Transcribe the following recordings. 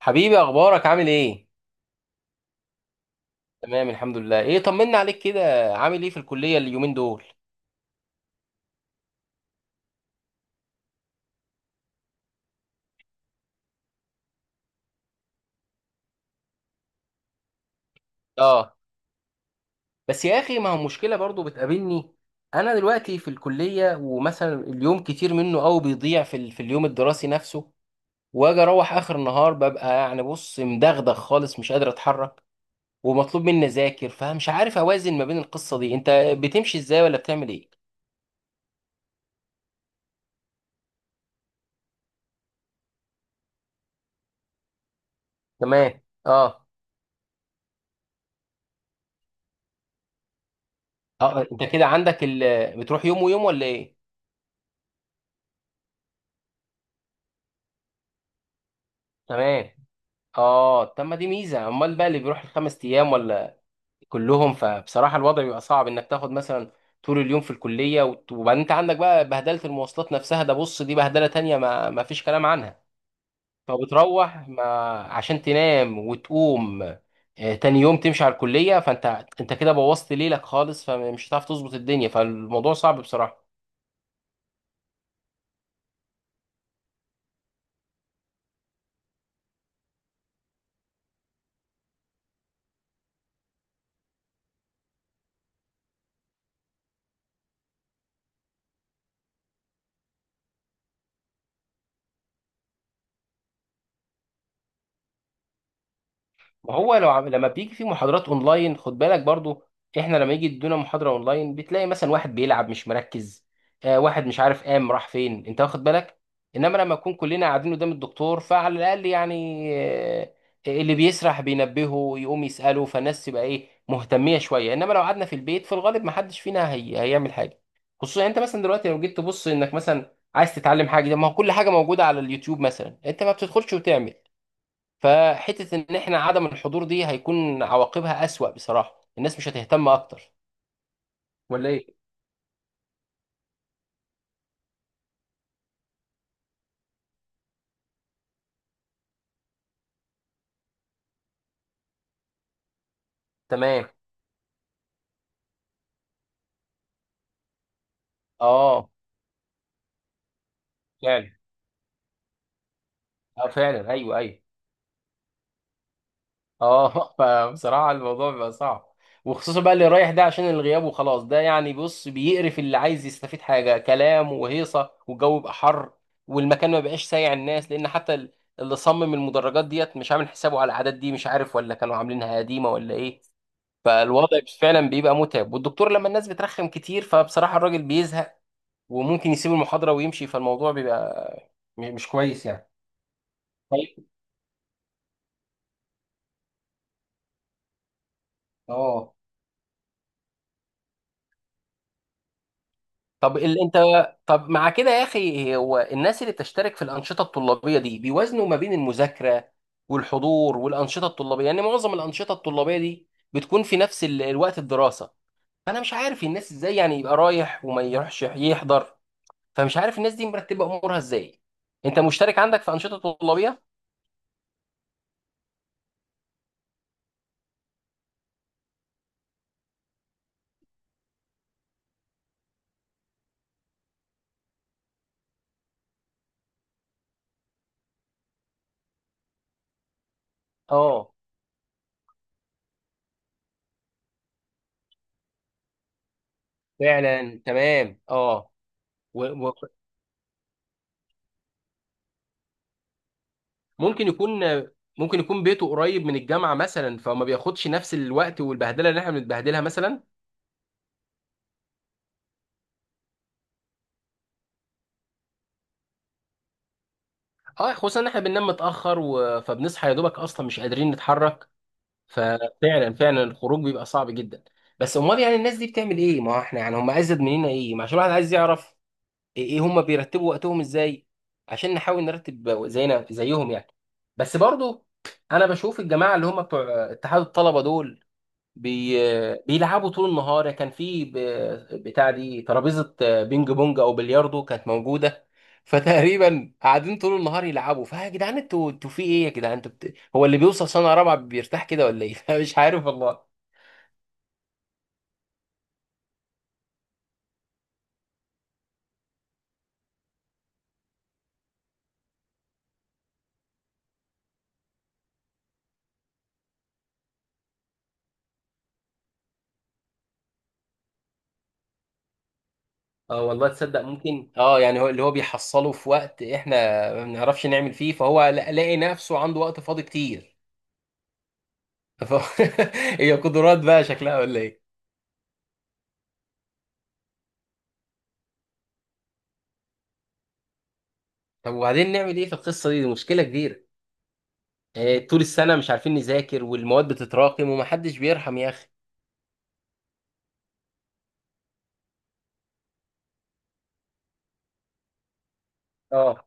حبيبي، اخبارك؟ عامل ايه؟ تمام الحمد لله. ايه طمنا عليك كده، عامل ايه في الكليه اليومين دول؟ اه. بس يا اخي ما هو مشكله برضو بتقابلني. انا دلوقتي في الكليه، ومثلا اليوم كتير منه قوي بيضيع في في اليوم الدراسي نفسه، واجي اروح اخر النهار ببقى يعني بص مدغدغ خالص، مش قادر اتحرك، ومطلوب مني اذاكر، فمش عارف اوازن ما بين القصه دي. انت بتمشي ازاي ولا بتعمل ايه؟ تمام. اه. اه، انت كده عندك بتروح يوم ويوم ولا ايه؟ تمام. اه، طب ما دي ميزه، امال بقى اللي بيروح الخمس ايام ولا كلهم؟ فبصراحه الوضع بيبقى صعب انك تاخد مثلا طول اليوم في الكليه، وبعدين انت عندك بقى بهدله المواصلات نفسها، ده بص دي بهدله تانية ما ما فيش كلام عنها. فبتروح ما عشان تنام وتقوم تاني يوم تمشي على الكليه، فانت كده بوظت ليلك خالص، فمش هتعرف تظبط الدنيا، فالموضوع صعب بصراحه. ما هو لو لما بيجي في محاضرات اونلاين خد بالك برضو، احنا لما يجي يدونا محاضره اونلاين بتلاقي مثلا واحد بيلعب مش مركز، آه، واحد مش عارف قام راح فين، انت واخد بالك. انما لما نكون كلنا قاعدين قدام الدكتور فعلى الاقل يعني اللي بيسرح بينبهه يقوم يساله، فالناس تبقى ايه مهتميه شويه. انما لو قعدنا في البيت في الغالب ما حدش فينا هيعمل حاجه. خصوصا يعني انت مثلا دلوقتي لو جيت تبص انك مثلا عايز تتعلم حاجه، ده ما هو كل حاجه موجوده على اليوتيوب مثلا، انت ما بتدخلش وتعمل. فحتة ان احنا عدم الحضور دي هيكون عواقبها اسوأ بصراحة، الناس مش هتهتم اكتر. ولا ايه؟ تمام. اه فعلا. اه فعلا، ايوه ايوه. اه. فبصراحة الموضوع بيبقى صعب، وخصوصا بقى اللي رايح ده عشان الغياب وخلاص، ده يعني بص بيقرف اللي عايز يستفيد، حاجة كلام وهيصة والجو يبقى حر، والمكان ما بقاش سايع الناس، لان حتى اللي صمم المدرجات ديت مش عامل حسابه على العادات دي، مش عارف ولا كانوا عاملينها قديمة ولا ايه. فالوضع فعلا بيبقى متعب، والدكتور لما الناس بترخم كتير فبصراحة الراجل بيزهق وممكن يسيب المحاضرة ويمشي، فالموضوع بيبقى مش كويس يعني. طيب. اه، طب انت، طب مع كده يا اخي، هو الناس اللي بتشترك في الأنشطة الطلابية دي بيوازنوا ما بين المذاكرة والحضور والأنشطة الطلابية؟ يعني معظم الأنشطة الطلابية دي بتكون في نفس الوقت الدراسة، فأنا مش عارف الناس ازاي يعني يبقى رايح وما يروحش يحضر. فمش عارف الناس دي مرتبة أمورها ازاي. انت مشترك عندك في أنشطة طلابية؟ اه فعلا. تمام. اه. وممكن يكون، ممكن يكون بيته قريب من الجامعه مثلا، فما بياخدش نفس الوقت والبهدله اللي احنا بنتبهدلها مثلا. اه، خصوصا ان احنا بننام متاخر فبنصحى يا دوبك اصلا مش قادرين نتحرك. ففعلا فعلا الخروج بيبقى صعب جدا. بس امال يعني الناس دي بتعمل ايه؟ ما احنا يعني هم ازيد مننا ايه؟ ما عشان الواحد عايز يعرف ايه، إيه هم بيرتبوا وقتهم ازاي، عشان نحاول نرتب زينا زيهم يعني. بس برضو انا بشوف الجماعه اللي هم بتوع اتحاد الطلبه دول بي... بيلعبوا طول النهار. كان في بتاع دي ترابيزة بينج بونج او بلياردو كانت موجودة. فتقريبا قاعدين طول النهار يلعبوا. فيا جدعان، انتوا في ايه يا جدعان؟ انتوا هو اللي بيوصل سنة رابعة بيرتاح كده ولا ايه؟ مش عارف والله. اه والله، تصدق ممكن، اه يعني هو اللي هو بيحصله في وقت احنا ما بنعرفش نعمل فيه، فهو لاقي نفسه عنده وقت فاضي كتير. ف... هي قدرات بقى شكلها ولا ايه؟ طب وبعدين نعمل ايه في القصة دي؟ دي مشكلة كبيرة، طول السنة مش عارفين نذاكر، والمواد بتتراكم، ومحدش بيرحم يا أخي. اه.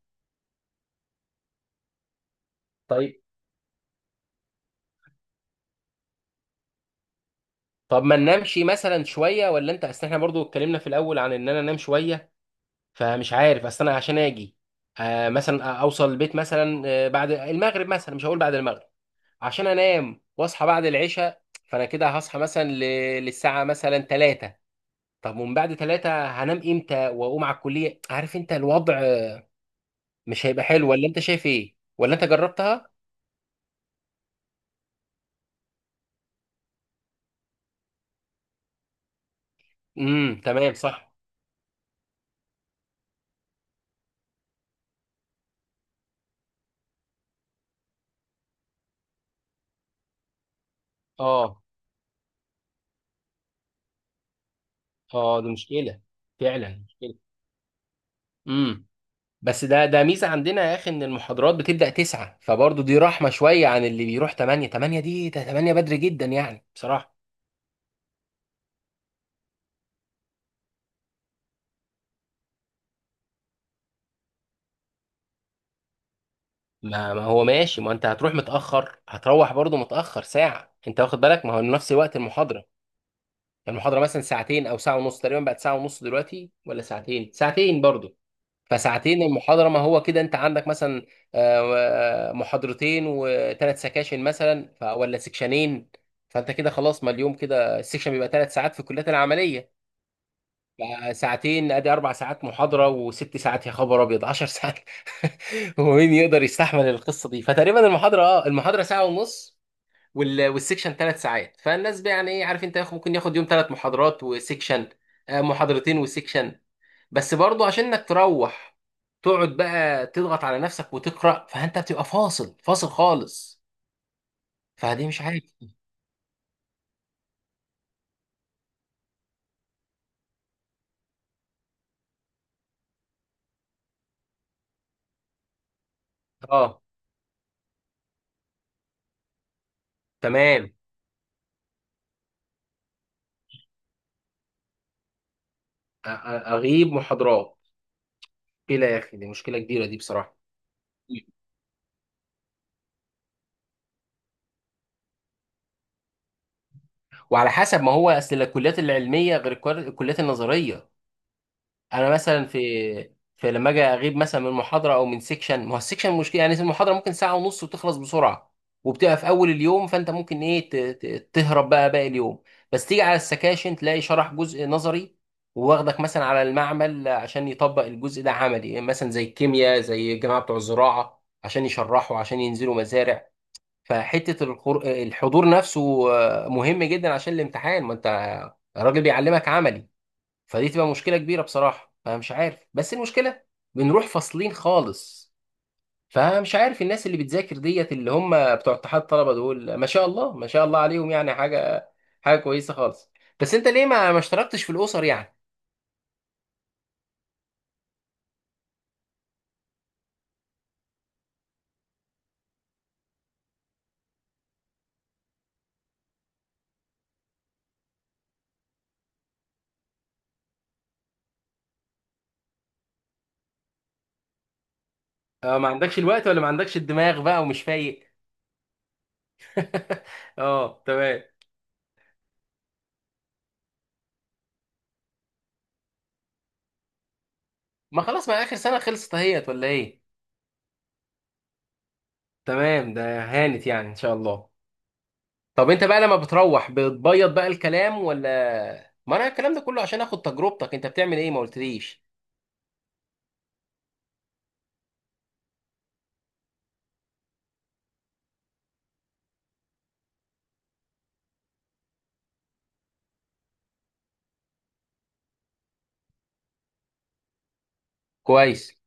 طيب. طب ما ننامش مثلا شوية، ولا أنت؟ أصل إحنا برضو اتكلمنا في الأول عن إن أنا أنام شوية، فمش عارف. أصل أنا عشان آجي آه مثلا أوصل البيت مثلا بعد المغرب، مثلا مش هقول بعد المغرب، عشان أنام وأصحى بعد العشاء، فأنا كده هصحى مثلا للساعة مثلا 3. طب ومن بعد 3 هنام إمتى وأقوم على الكلية؟ عارف أنت، الوضع مش هيبقى حلو. ولا أنت شايف إيه؟ ولا أنت جربتها؟ امم، تمام صح. اه. اه دي مشكله. فعلا مشكله. امم. بس ده ده ميزه عندنا يا اخي ان المحاضرات بتبدا 9، فبرضه دي رحمه شويه عن اللي بيروح 8. 8 دي، ده 8 بدري جدا يعني بصراحه. ما ما هو ماشي، ما انت هتروح متاخر، هتروح برضه متاخر ساعه، انت واخد بالك؟ ما هو نفس وقت المحاضره. المحاضره مثلا ساعتين او ساعه ونص تقريبا، بقت ساعه ونص دلوقتي، ولا ساعتين؟ ساعتين برضه. فساعتين المحاضرة، ما هو كده انت عندك مثلا محاضرتين وثلاث سكاشن مثلا، ولا سكشنين. فانت كده خلاص، ما اليوم كده السكشن بيبقى ثلاث ساعات في الكليات العملية، ساعتين ادي اربع ساعات محاضرة وست ساعات، يا خبر ابيض 10 ساعات! هو مين يقدر يستحمل القصة دي؟ فتقريبا المحاضرة، اه المحاضرة ساعة ونص، والسكشن ثلاث ساعات. فالناس بقى يعني ايه، عارف انت، ممكن ياخد يوم ثلاث محاضرات وسكشن، محاضرتين وسكشن. بس برضو عشان انك تروح تقعد بقى تضغط على نفسك وتقرا، فانت بتبقى فاصل فاصل خالص. فدي مش حاجه. اه. تمام. اغيب محاضرات؟ مشكله يا اخي، دي مشكله كبيره دي بصراحه. وعلى حسب، ما هو اصل الكليات العلميه غير الكليات النظريه. انا مثلا في، في لما اجي اغيب مثلا من محاضره او من سيكشن، ما هو السيكشن مشكله يعني. المحاضره ممكن ساعه ونص وتخلص بسرعه وبتبقى في اول اليوم، فانت ممكن ايه تهرب بقى باقي اليوم، بس تيجي على السكاشن تلاقي شرح جزء نظري، وواخدك مثلا على المعمل عشان يطبق الجزء ده عملي، يعني مثلا زي الكيمياء، زي الجماعه بتوع الزراعه عشان يشرحوا عشان ينزلوا مزارع. فحته الحضور نفسه مهم جدا عشان الامتحان، ما انت الراجل بيعلمك عملي. فدي تبقى مشكله كبيره بصراحه، فمش عارف. بس المشكله بنروح فاصلين خالص، فمش عارف الناس اللي بتذاكر ديت اللي هم بتوع اتحاد الطلبه دول، ما شاء الله ما شاء الله عليهم، يعني حاجه حاجه كويسه خالص. بس انت ليه ما ما اشتركتش في الاسر يعني؟ اه ما عندكش الوقت، ولا ما عندكش الدماغ بقى ومش فايق؟ اه تمام. ما خلاص، ما اخر سنه خلصت اهيت ولا ايه؟ تمام، ده هانت يعني ان شاء الله. طب انت بقى لما بتروح بتبيض بقى الكلام، ولا؟ ما انا الكلام ده كله عشان اخد تجربتك، انت بتعمل ايه ما قلتليش. كويس.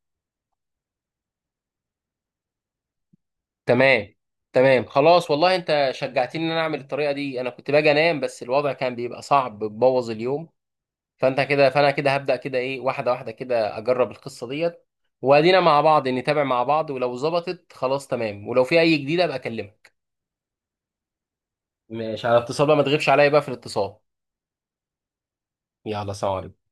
تمام. تمام، خلاص والله انت شجعتني ان انا اعمل الطريقه دي، انا كنت باجي انام بس الوضع كان بيبقى صعب بتبوظ اليوم، فانت كده، فانا كده هبدا كده ايه، واحده واحده كده، اجرب القصه ديت، وادينا مع بعض نتابع مع بعض، ولو ظبطت خلاص تمام، ولو في اي جديده ابقى اكلمك. مش على اتصال بقى، ما تغيبش عليا بقى في الاتصال. يلا، سلام عليكم.